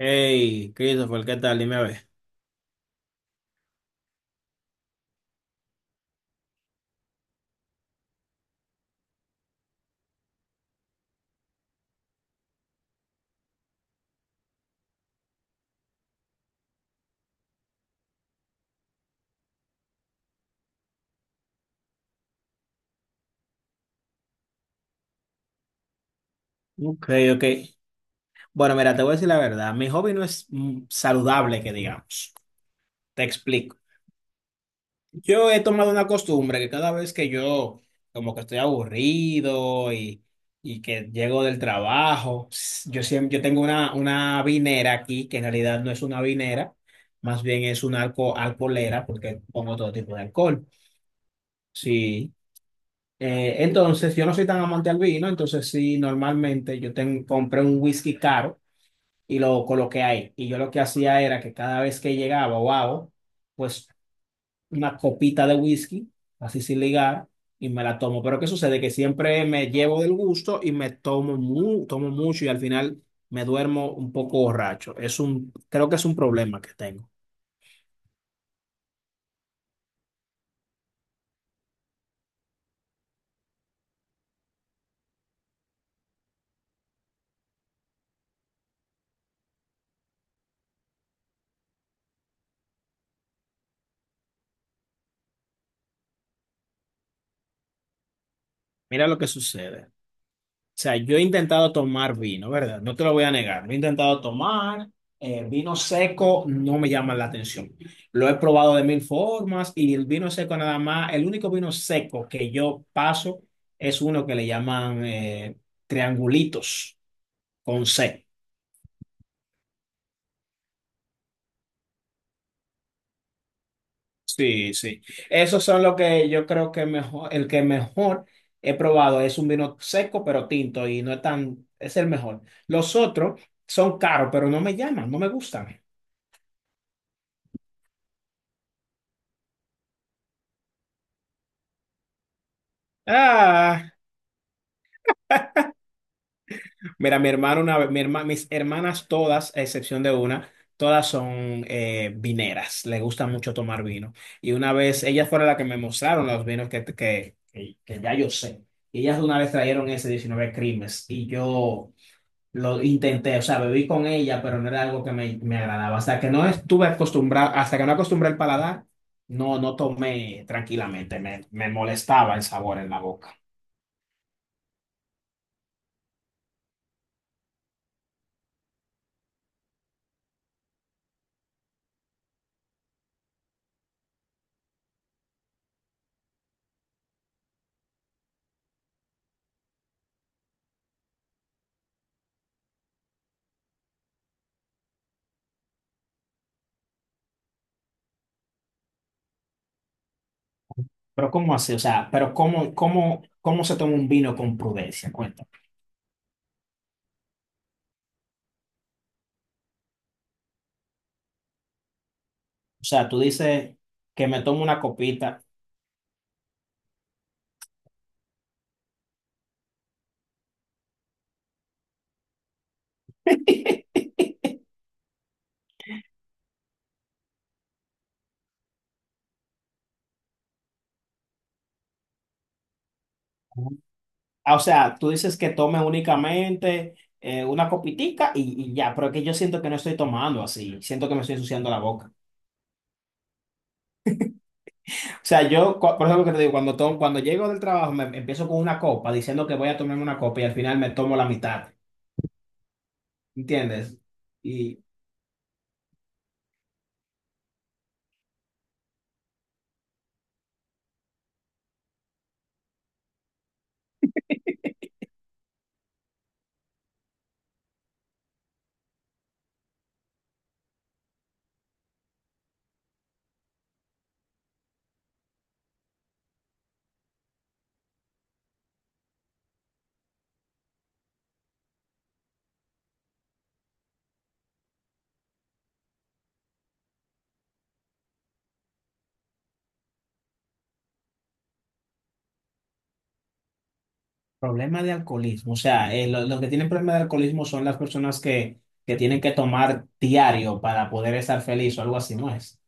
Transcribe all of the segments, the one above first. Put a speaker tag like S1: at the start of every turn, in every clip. S1: Hey, Christopher, ¿qué tal? Dime a ver. Ok, ok. Bueno, mira, te voy a decir la verdad. Mi hobby no es saludable, que digamos. Te explico. Yo he tomado una costumbre que cada vez que yo como que estoy aburrido y que llego del trabajo, yo siempre, yo tengo una vinera aquí, que en realidad no es una vinera, más bien es una alcoholera, porque pongo todo tipo de alcohol. Sí. Entonces, yo no soy tan amante al vino, entonces sí, normalmente compré un whisky caro y lo coloqué ahí. Y yo lo que hacía era que cada vez que llegaba, wow, pues una copita de whisky, así sin ligar, y me la tomo. Pero ¿qué sucede? Que siempre me llevo del gusto y me tomo, tomo mucho y al final me duermo un poco borracho. Es un, creo que es un problema que tengo. Mira lo que sucede. O sea, yo he intentado tomar vino, ¿verdad? No te lo voy a negar. Lo he intentado tomar, vino seco no me llama la atención. Lo he probado de mil formas y el vino seco nada más, el único vino seco que yo paso es uno que le llaman triangulitos con C. Sí, sí. Esos son los que yo creo que mejor, el que mejor he probado es un vino seco pero tinto y no es tan, es el mejor. Los otros son caros, pero no me llaman, no me gustan. Ah. Mira, mi hermano, mis hermanas todas, a excepción de una, todas son vineras, le gusta mucho tomar vino. Y una vez, ellas fueron las que me mostraron los vinos que ya yo sé. Y ellas una vez trajeron ese 19 Crimes y yo lo intenté, o sea, bebí con ella, pero no era algo que me agradaba. Hasta que no estuve acostumbrado, hasta que no acostumbré el paladar, no, no tomé tranquilamente, me molestaba el sabor en la boca. Pero ¿cómo así? O sea, pero ¿cómo se toma un vino con prudencia? Cuéntame. O sea, tú dices que me tomo una copita. Ah, O sea, tú dices que tome únicamente una copitica y ya, pero es que yo siento que no estoy tomando así, siento que me estoy ensuciando la boca. O sea, yo, por ejemplo, que te digo, cuando, tomo, cuando llego del trabajo me empiezo con una copa diciendo que voy a tomarme una copa y al final me tomo la mitad, ¿entiendes? Problema de alcoholismo. O sea, los que tienen problema de alcoholismo son las personas que tienen que tomar diario para poder estar feliz o algo así, ¿no es?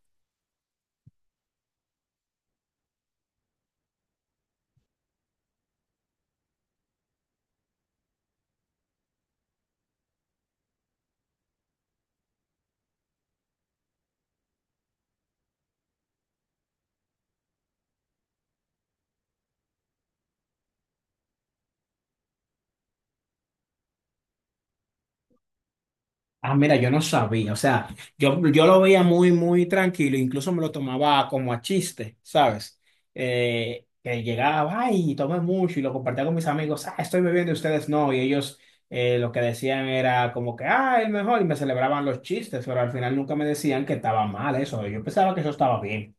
S1: Ah, mira, yo no sabía. O sea, yo lo veía muy tranquilo. Incluso me lo tomaba como a chiste, ¿sabes? Que llegaba, ay, tomé mucho y lo compartía con mis amigos. Ah, estoy bebiendo y ustedes no. Y ellos lo que decían era como que, ah, el mejor. Y me celebraban los chistes, pero al final nunca me decían que estaba mal eso. Yo pensaba que eso estaba bien.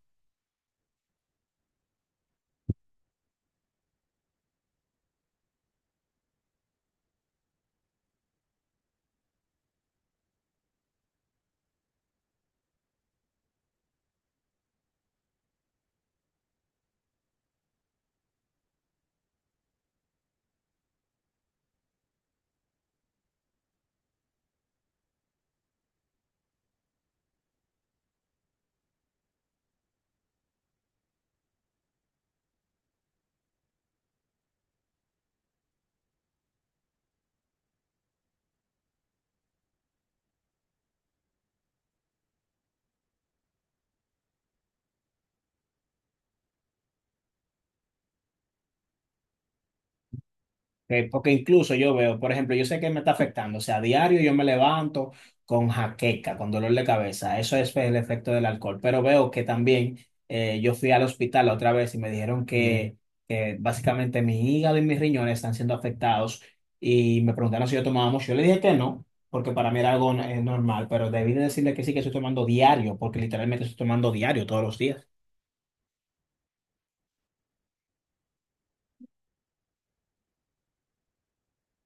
S1: Porque incluso yo veo, por ejemplo, yo sé que me está afectando, o sea, a diario yo me levanto con jaqueca, con dolor de cabeza, eso es el efecto del alcohol, pero veo que también yo fui al hospital la otra vez y me dijeron que básicamente mi hígado y mis riñones están siendo afectados y me preguntaron si yo tomaba mucho, yo le dije que no, porque para mí era algo normal, pero debí de decirle que sí que estoy tomando diario, porque literalmente estoy tomando diario todos los días.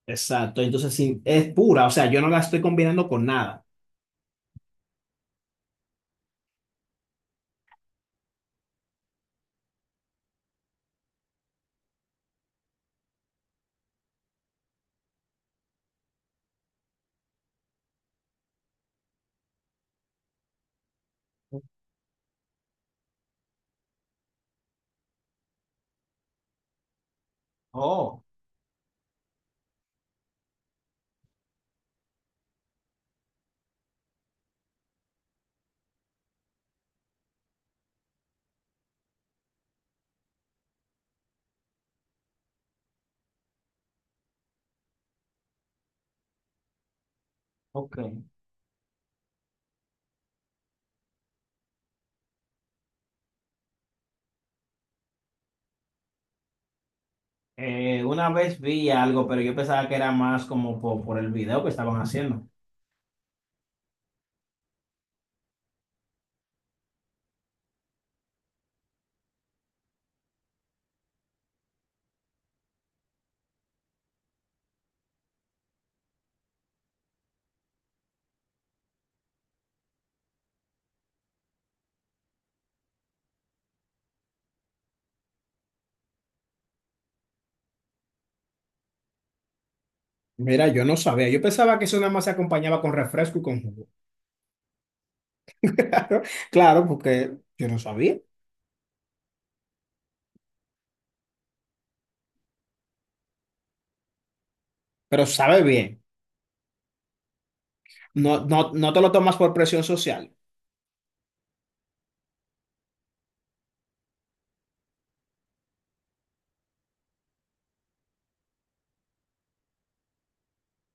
S1: Exacto, entonces sí, es pura, o sea, yo no la estoy combinando con nada. Oh, ok. Una vez vi algo, pero yo pensaba que era más como por el video que estaban haciendo. Mira, yo no sabía. Yo pensaba que eso nada más se acompañaba con refresco y con jugo. Claro, claro, porque yo no sabía. Pero sabe bien. No, no, no te lo tomas por presión social.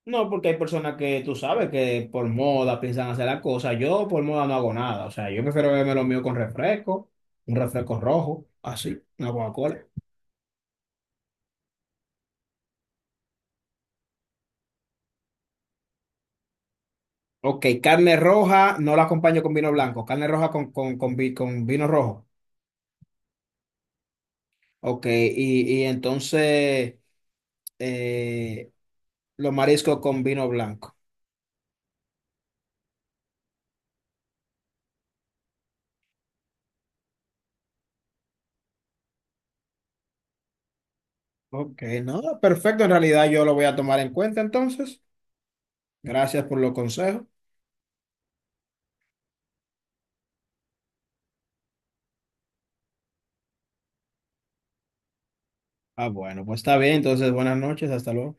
S1: No, porque hay personas que tú sabes que por moda piensan hacer las cosas. Yo por moda no hago nada. O sea, yo prefiero beberme lo mío con refresco, un refresco rojo, así, una Coca-Cola. Ok, carne roja no la acompaño con vino blanco, carne roja con vino rojo. Ok, y entonces eh, los mariscos con vino blanco. Ok, no, perfecto. En realidad yo lo voy a tomar en cuenta entonces. Gracias por los consejos. Ah, bueno, pues está bien. Entonces, buenas noches, hasta luego.